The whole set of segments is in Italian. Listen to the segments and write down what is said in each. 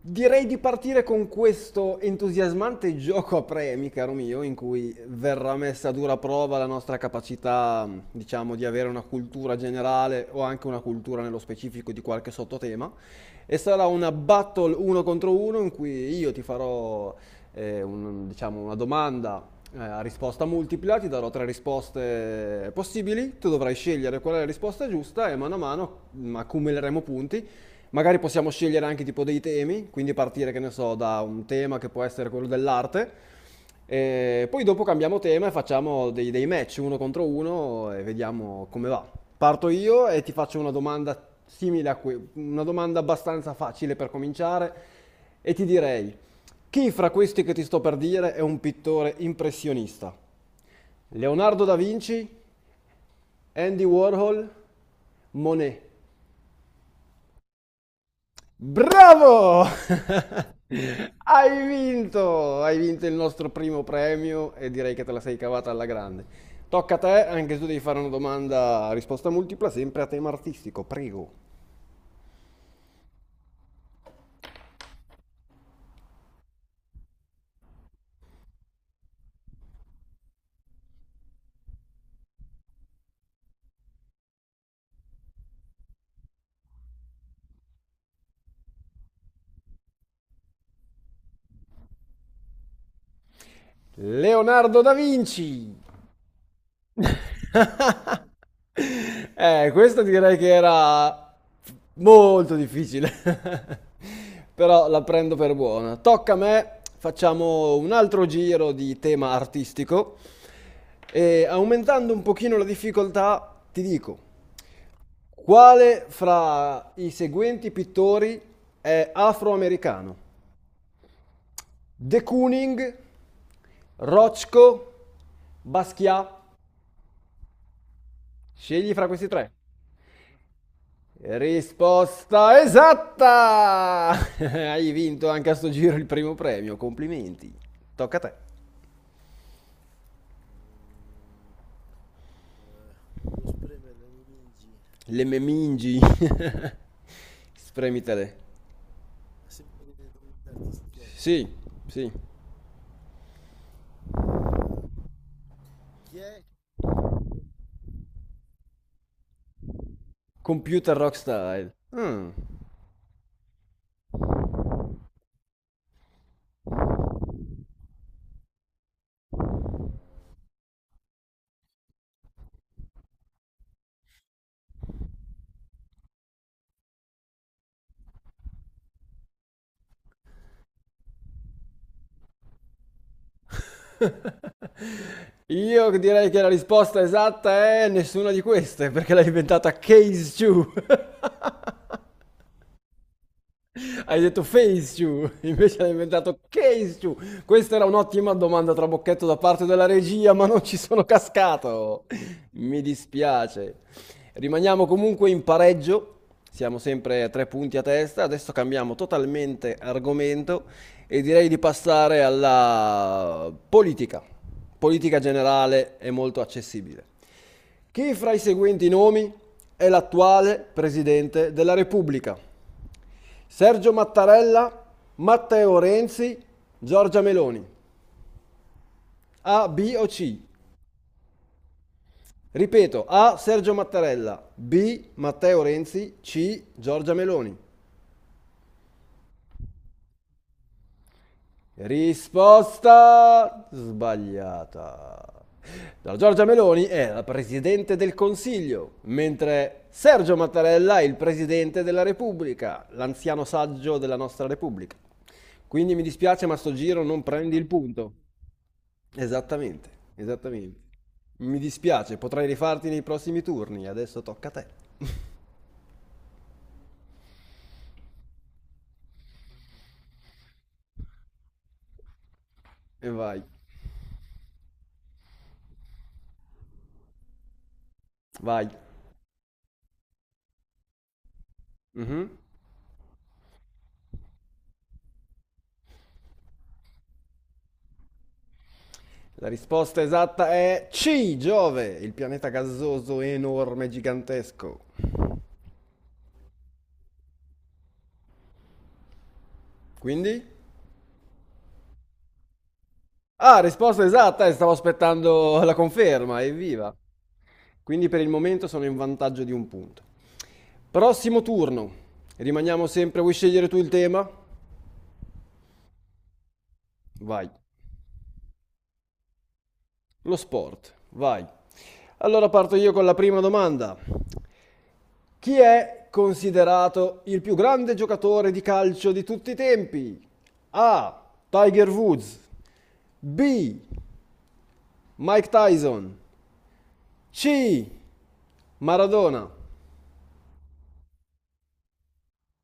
Direi di partire con questo entusiasmante gioco a premi, caro mio, in cui verrà messa a dura prova la nostra capacità, diciamo, di avere una cultura generale o anche una cultura nello specifico di qualche sottotema. E sarà una battle uno contro uno in cui io ti farò, una domanda a risposta multipla, ti darò tre risposte possibili, tu dovrai scegliere qual è la risposta giusta e mano a mano accumuleremo punti. Magari possiamo scegliere anche tipo dei temi, quindi partire, che ne so, da un tema che può essere quello dell'arte. E poi dopo cambiamo tema e facciamo dei match uno contro uno e vediamo come va. Parto io e ti faccio una domanda simile a que- una domanda abbastanza facile per cominciare e ti direi, chi fra questi che ti sto per dire è un pittore impressionista? Leonardo da Vinci, Andy Warhol, Monet. Bravo! Hai vinto! Hai vinto il nostro primo premio e direi che te la sei cavata alla grande. Tocca a te, anche se tu devi fare una domanda a risposta multipla, sempre a tema artistico, prego. Leonardo da Vinci! Questa direi che era molto difficile, però la prendo per buona. Tocca a me, facciamo un altro giro di tema artistico e, aumentando un pochino la difficoltà, ti dico, quale fra i seguenti pittori è afroamericano? De Kooning, Rothko, Basquiat? Scegli fra questi tre. Risposta esatta! Hai vinto anche a sto giro il primo premio, complimenti. Tocca a te. Le memingi. Spremitele. Sì, sì. Computer rock style. Mm. Io direi che la risposta esatta è nessuna di queste, perché l'ha inventata Case Chew. Hai detto face you, invece hai inventato case you. Questa era un'ottima domanda trabocchetto da parte della regia, ma non ci sono cascato. Mi dispiace. Rimaniamo comunque in pareggio. Siamo sempre a tre punti a testa. Adesso cambiamo totalmente argomento e direi di passare alla politica. Politica generale è molto accessibile. Chi fra i seguenti nomi è l'attuale presidente della Repubblica? Sergio Mattarella, Matteo Renzi, Giorgia Meloni. A, B o C? Ripeto, A Sergio Mattarella, B Matteo Renzi, C Giorgia Meloni. Risposta sbagliata. La Giorgia Meloni è la Presidente del Consiglio, mentre Sergio Mattarella è il Presidente della Repubblica, l'anziano saggio della nostra Repubblica. Quindi mi dispiace, ma sto giro non prendi il punto. Esattamente, esattamente. Mi dispiace, potrai rifarti nei prossimi turni, adesso tocca a te. E vai, vai. Mhm. La risposta esatta è C, Giove, il pianeta gassoso enorme, gigantesco. Quindi? Ah, risposta esatta e stavo aspettando la conferma, evviva. Quindi per il momento sono in vantaggio di un punto. Prossimo turno. Rimaniamo sempre, vuoi scegliere tu il tema? Vai. Lo sport, vai. Allora parto io con la prima domanda. Chi è considerato il più grande giocatore di calcio di tutti i tempi? A. Tiger Woods. B. Mike Tyson. C. Maradona.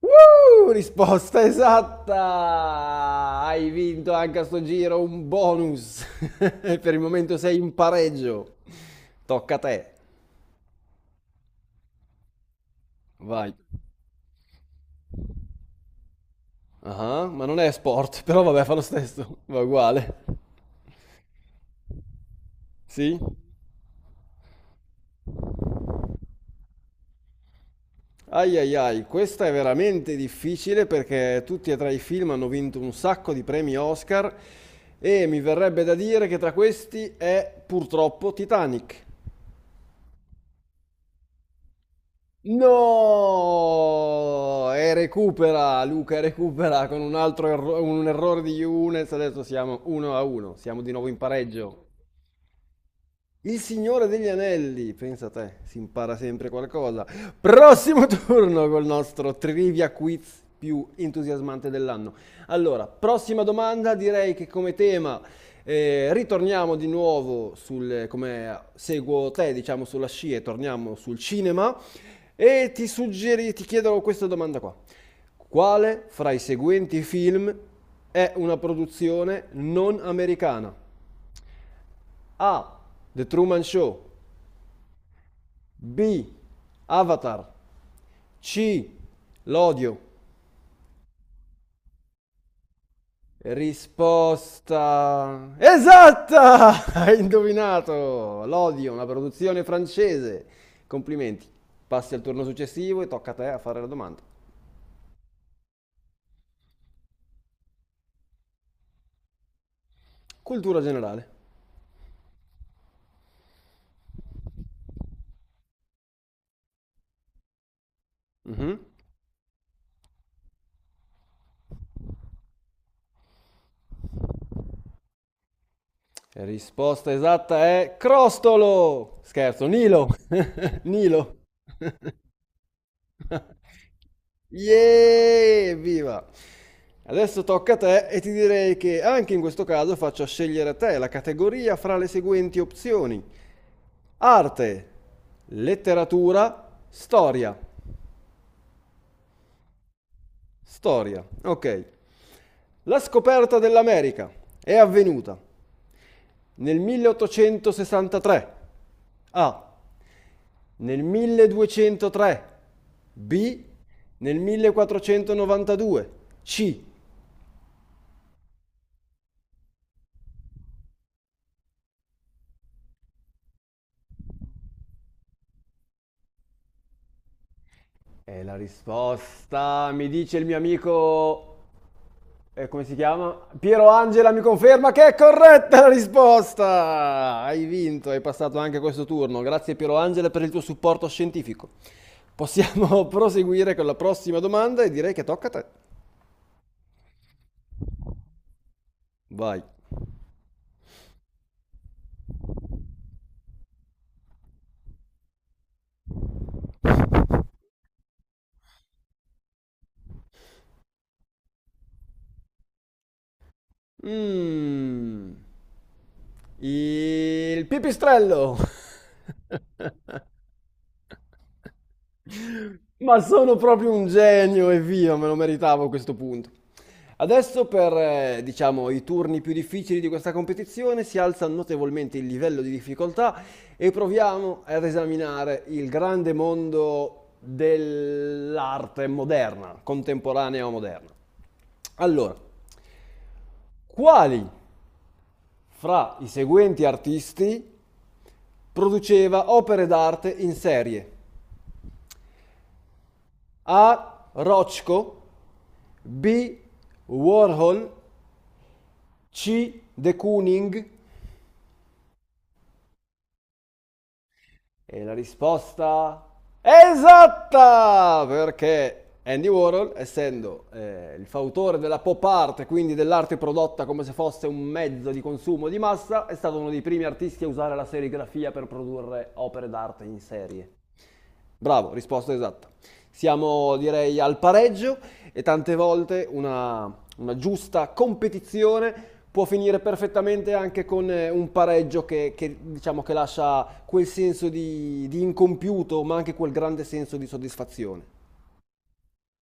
Woo! Risposta esatta! Hai vinto anche a sto giro un bonus. Per il momento sei in pareggio. Tocca a te. Vai. Ah, ma non è sport, però vabbè, fa lo stesso, va uguale. Sì? Ai ai ai, questa è veramente difficile perché tutti e tre i film hanno vinto un sacco di premi Oscar e mi verrebbe da dire che tra questi è purtroppo Titanic. No! E recupera, Luca recupera con un errore di Younes, adesso siamo 1 a 1, siamo di nuovo in pareggio. Il Signore degli Anelli, pensa a te, si impara sempre qualcosa. Prossimo turno col nostro trivia quiz più entusiasmante dell'anno. Allora, prossima domanda, direi che come tema ritorniamo di nuovo sul, come seguo te, diciamo sulla scia e torniamo sul cinema e ti chiedo questa domanda qua. Quale fra i seguenti film è una produzione non americana? A. The Truman Show. B. Avatar. C. L'odio. Risposta esatta! Hai indovinato! L'odio, una produzione francese. Complimenti. Passi al turno successivo e tocca a te a fare la domanda. Cultura generale. Mhm. Risposta esatta è Crostolo! Scherzo, Nilo. Nilo. Yeee, evviva! Adesso tocca a te e ti direi che anche in questo caso faccio scegliere a te la categoria fra le seguenti opzioni: arte, letteratura, storia. Storia, ok. La scoperta dell'America è avvenuta nel 1863. A. Nel 1203. B. Nel 1492. C. E la risposta mi dice il mio amico, come si chiama? Piero Angela mi conferma che è corretta la risposta! Hai vinto, hai passato anche questo turno. Grazie Piero Angela per il tuo supporto scientifico. Possiamo proseguire con la prossima domanda e direi che tocca a te. Vai. Mm. Il pipistrello. Ma sono proprio un genio, evviva, me lo meritavo a questo punto. Adesso per, diciamo, i turni più difficili di questa competizione si alza notevolmente il livello di difficoltà e proviamo ad esaminare il grande mondo dell'arte moderna, contemporanea o moderna. Allora, quali fra i seguenti artisti produceva opere d'arte in serie? A. Rochko. B. Warhol. C. De Kooning. E la risposta è esatta! Perché Andy Warhol, essendo il fautore della pop art, e quindi dell'arte prodotta come se fosse un mezzo di consumo di massa, è stato uno dei primi artisti a usare la serigrafia per produrre opere d'arte in serie. Bravo, risposta esatta. Siamo direi al pareggio e tante volte una giusta competizione può finire perfettamente anche con un pareggio che, diciamo, che lascia quel senso di incompiuto, ma anche quel grande senso di soddisfazione.